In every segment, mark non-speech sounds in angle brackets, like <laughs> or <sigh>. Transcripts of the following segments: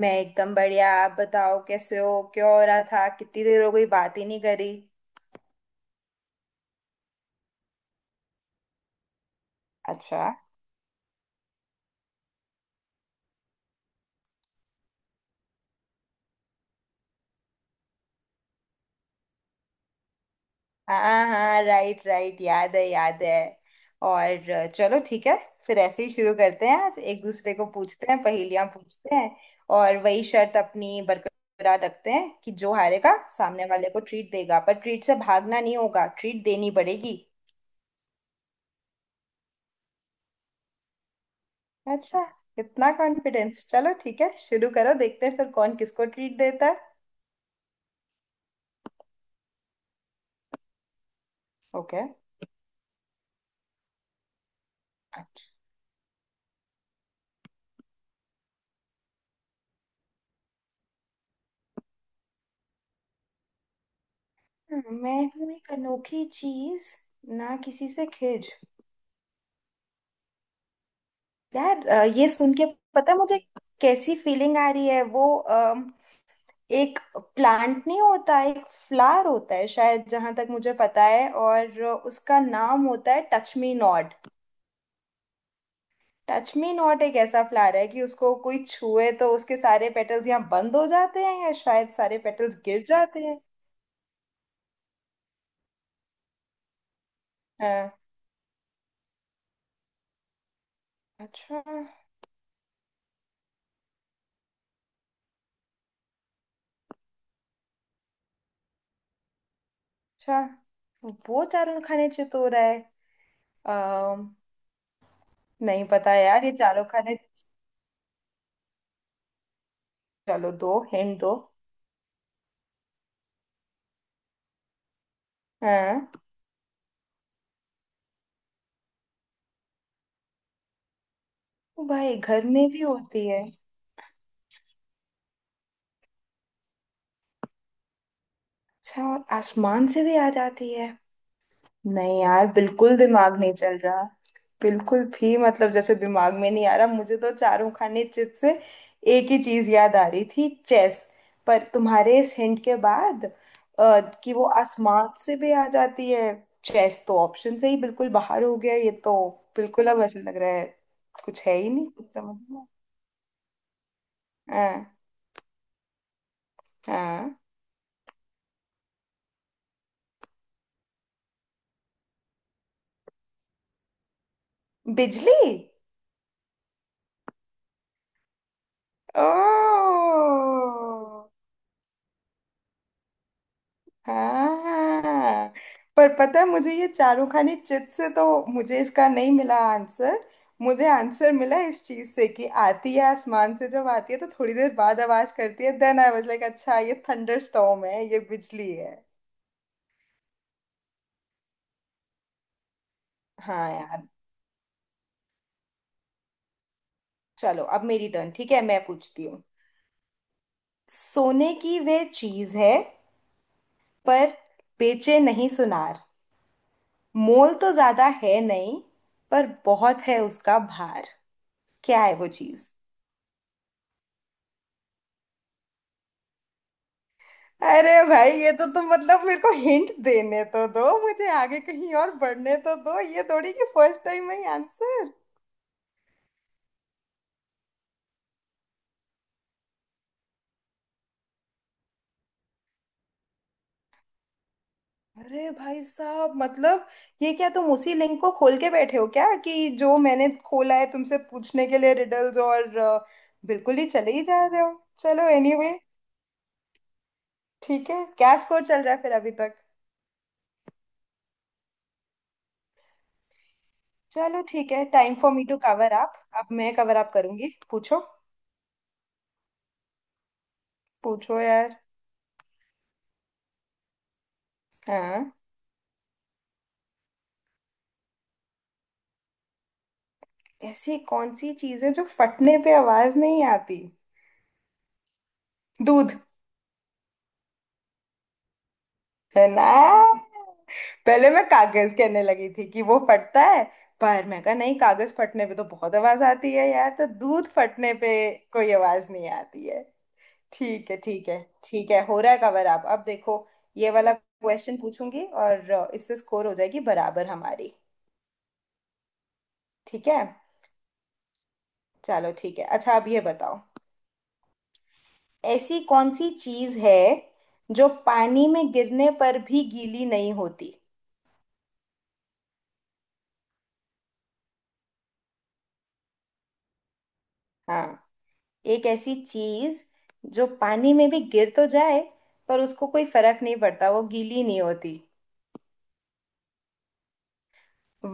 मैं एकदम बढ़िया। आप बताओ कैसे हो, क्या हो रहा था? कितनी देर हो गई, बात ही नहीं करी। अच्छा। हाँ हाँ, राइट राइट, याद है याद है। और चलो ठीक है, फिर ऐसे ही शुरू करते हैं। आज एक दूसरे को पूछते हैं, पहेलियां पूछते हैं। और वही शर्त अपनी बरकरार रखते हैं कि जो हारेगा सामने वाले को ट्रीट देगा, पर ट्रीट से भागना नहीं होगा, ट्रीट देनी पड़ेगी। अच्छा, इतना कॉन्फिडेंस! चलो ठीक है, शुरू करो, देखते हैं फिर कौन किसको ट्रीट देता है। ओके। हाँ, मैं हूँ एक अनोखी चीज, ना किसी से खिज। यार ये सुन के पता है मुझे कैसी फीलिंग आ रही है वो। एक प्लांट नहीं होता, एक फ्लावर होता है शायद, जहां तक मुझे पता है, और उसका नाम होता है touch me not. Touch me not एक ऐसा फ्लावर है कि उसको कोई छुए तो उसके सारे पेटल्स यहाँ बंद हो जाते हैं, या शायद सारे पेटल्स गिर जाते हैं। हाँ, अच्छा अच्छा, वो चारों खाने चित हो रहा है। नहीं पता यार, ये चारों खाने। चलो दो हिंट दो। हाँ। ओ भाई, घर में भी होती है! अच्छा, और आसमान से भी आ जाती है। नहीं यार, बिल्कुल दिमाग नहीं चल रहा, बिल्कुल भी। मतलब जैसे दिमाग में नहीं आ रहा, मुझे तो चारों खाने चिप्स से एक ही चीज याद आ रही थी, चेस। पर तुम्हारे इस हिंट के बाद कि वो आसमान से भी आ जाती है, चेस तो ऑप्शन से ही बिल्कुल बाहर हो गया ये तो। बिल्कुल, अब ऐसे लग रहा है कुछ है ही नहीं कुछ समझ में। हाँ। हाँ, बिजली! ओ हाँ! पर पता है मुझे, ये चारूखानी चिट से तो मुझे इसका नहीं मिला आंसर। मुझे आंसर मिला इस चीज से कि आती है आसमान से, जब आती है तो थोड़ी देर बाद आवाज करती है। देन आई वाज लाइक, अच्छा, ये थंडर स्टॉर्म है, ये बिजली है। हाँ यार। चलो अब मेरी टर्न, ठीक है, मैं पूछती हूँ। सोने की वह चीज है, पर बेचे नहीं सुनार। मोल तो ज्यादा है नहीं, पर बहुत है उसका भार। क्या है वो चीज? अरे भाई, ये तो तुम, मतलब मेरे को हिंट देने तो दो, मुझे आगे कहीं और बढ़ने तो दो। ये थोड़ी कि फर्स्ट टाइम है आंसर। अरे भाई साहब, मतलब ये क्या तुम उसी लिंक को खोल के बैठे हो क्या, कि जो मैंने खोला है तुमसे पूछने के लिए रिडल्स। और बिल्कुल ही चले ही जा रहे हो। चलो एनीवे anyway, ठीक है क्या स्कोर चल रहा है फिर अभी तक? चलो ठीक है, time for me to cover up. अब मैं कवर अप करूंगी, पूछो। पूछो यार। हाँ, ऐसी कौन सी चीज है जो फटने पे आवाज नहीं आती? दूध। है ना? पहले मैं कागज कहने लगी थी कि वो फटता है, पर मैं कहा नहीं, कागज फटने पे तो बहुत आवाज आती है यार, तो दूध फटने पे कोई आवाज नहीं आती है। ठीक है ठीक है। ठीक है, हो रहा है कवर अप, अब देखो। ये वाला क्वेश्चन पूछूंगी और इससे स्कोर हो जाएगी बराबर हमारी। ठीक है, चलो ठीक है, अच्छा अब ये बताओ, ऐसी कौन सी चीज है जो पानी में गिरने पर भी गीली नहीं होती? हाँ, एक ऐसी चीज जो पानी में भी गिर तो जाए, पर उसको कोई फर्क नहीं पड़ता, वो गीली नहीं होती।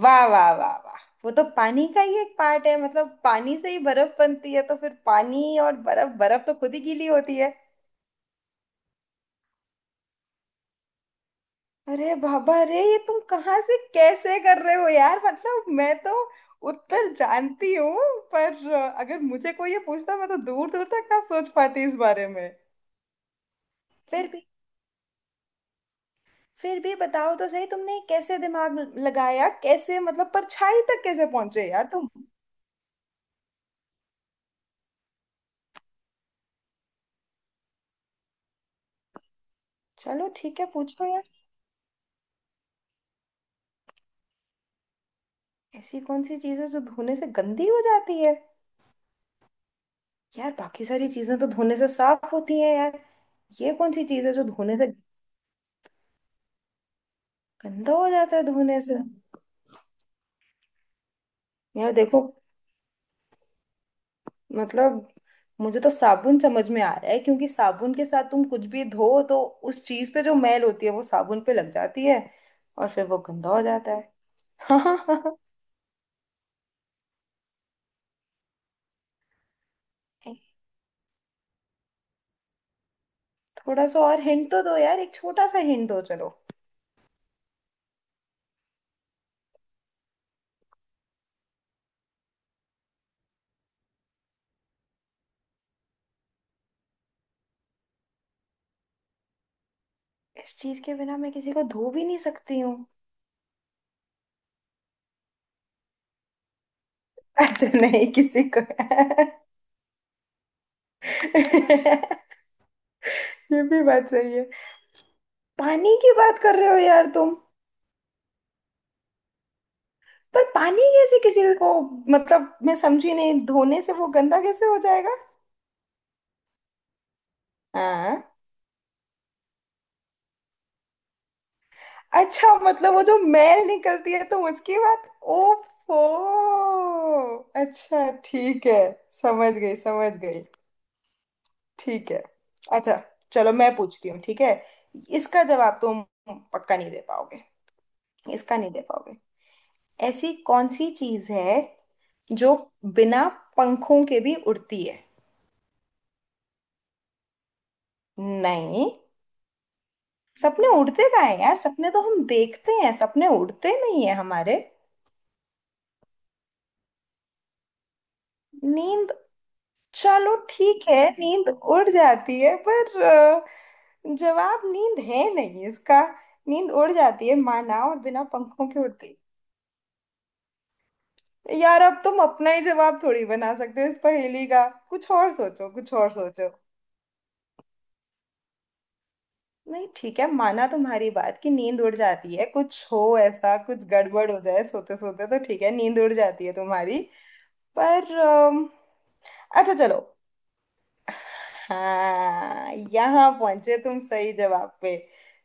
वाह वाह वाह वाह! वो तो पानी का ही एक पार्ट है, मतलब पानी से ही बर्फ बनती है, तो फिर पानी और बर्फ, बर्फ तो खुद ही गीली होती है। अरे बाबा रे, ये तुम कहाँ से कैसे कर रहे हो यार? मतलब मैं तो उत्तर जानती हूँ, पर अगर मुझे कोई ये पूछता, मैं तो दूर दूर तक ना सोच पाती इस बारे में। फिर भी, फिर भी बताओ तो सही, तुमने कैसे दिमाग लगाया, कैसे मतलब परछाई तक कैसे पहुंचे यार तुम? चलो ठीक है, पूछो यार। ऐसी कौन सी चीज है जो धोने से गंदी हो जाती है? यार बाकी सारी चीजें तो धोने से साफ होती हैं यार। ये कौन सी चीज है जो धोने से गंदा हो जाता है, धोने से? यार देखो, मतलब मुझे तो साबुन समझ में आ रहा है, क्योंकि साबुन के साथ तुम कुछ भी धो तो उस चीज पे जो मैल होती है वो साबुन पे लग जाती है, और फिर वो गंदा हो जाता है। <laughs> थोड़ा सा और हिंट तो दो यार, एक छोटा सा हिंट दो, चलो। इस चीज के बिना मैं किसी को धो भी नहीं सकती हूँ? अच्छा, नहीं किसी को। <laughs> ये भी बात सही है। पानी की बात कर रहे हो यार तुम? पर पानी कैसे किसी को, मतलब मैं समझी नहीं, धोने से वो गंदा कैसे हो जाएगा? हाँ। अच्छा, मतलब वो जो मैल निकलती है, तो उसकी बात। ओफो! अच्छा ठीक है, समझ गई समझ गई। ठीक है। अच्छा, चलो मैं पूछती हूँ, ठीक है? इसका जवाब तुम पक्का नहीं दे पाओगे, इसका नहीं दे पाओगे। ऐसी कौन सी चीज है जो बिना पंखों के भी उड़ती है? नहीं। सपने उड़ते का है यार, सपने तो हम देखते हैं, सपने उड़ते नहीं है हमारे। नींद, चलो ठीक है, नींद उड़ जाती है, पर जवाब नींद है नहीं इसका। नींद उड़ जाती है माना, और बिना पंखों के उड़ती, यार अब तुम अपना ही जवाब थोड़ी बना सकते हो इस पहेली का, कुछ और सोचो कुछ और सोचो। नहीं ठीक है, माना तुम्हारी बात कि नींद उड़ जाती है, कुछ हो ऐसा कुछ गड़बड़ हो जाए सोते सोते, तो ठीक है नींद उड़ जाती है तुम्हारी। पर अच्छा चलो, हाँ यहाँ पहुंचे तुम सही जवाब पे।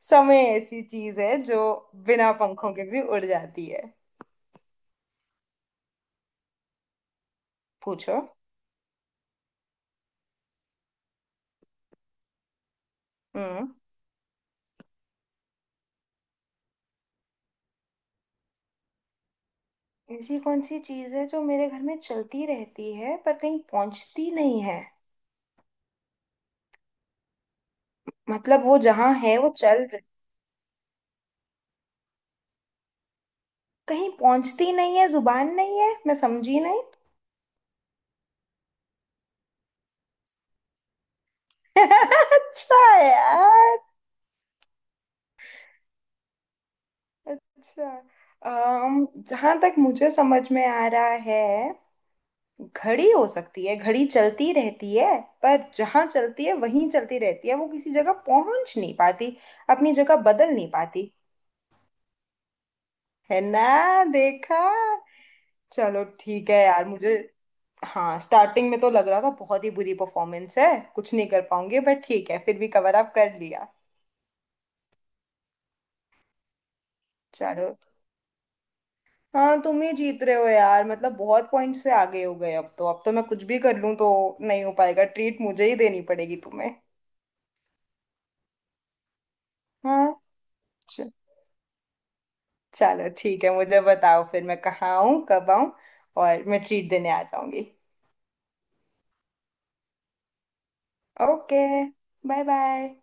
समय ऐसी चीज है जो बिना पंखों के भी उड़ जाती है। पूछो। हम्म। ऐसी कौन सी चीज है जो मेरे घर में चलती रहती है पर कहीं पहुंचती नहीं है? मतलब वो जहाँ है वो चल रही, कहीं पहुंचती नहीं है। जुबान नहीं है, मैं समझी नहीं। <laughs> अच्छा। यार, अच्छा, जहां तक मुझे समझ में आ रहा है, घड़ी हो सकती है। घड़ी चलती रहती है, पर जहां चलती है वहीं चलती रहती है, वो किसी जगह पहुंच नहीं पाती, अपनी जगह बदल नहीं पाती। है ना? देखा! चलो ठीक है यार मुझे, हाँ स्टार्टिंग में तो लग रहा था बहुत ही बुरी परफॉर्मेंस है, कुछ नहीं कर पाऊंगी, बट ठीक है फिर भी कवर अप कर लिया। चलो, हाँ तुम ही जीत रहे हो यार, मतलब बहुत पॉइंट से आगे हो गए अब तो, अब तो मैं कुछ भी कर लूं तो नहीं हो पाएगा, ट्रीट मुझे ही देनी पड़ेगी तुम्हें। हाँ। चलो ठीक है, मुझे बताओ फिर मैं कहाँ आऊँ, कब आऊँ, और मैं ट्रीट देने आ जाऊंगी। ओके। Bye bye.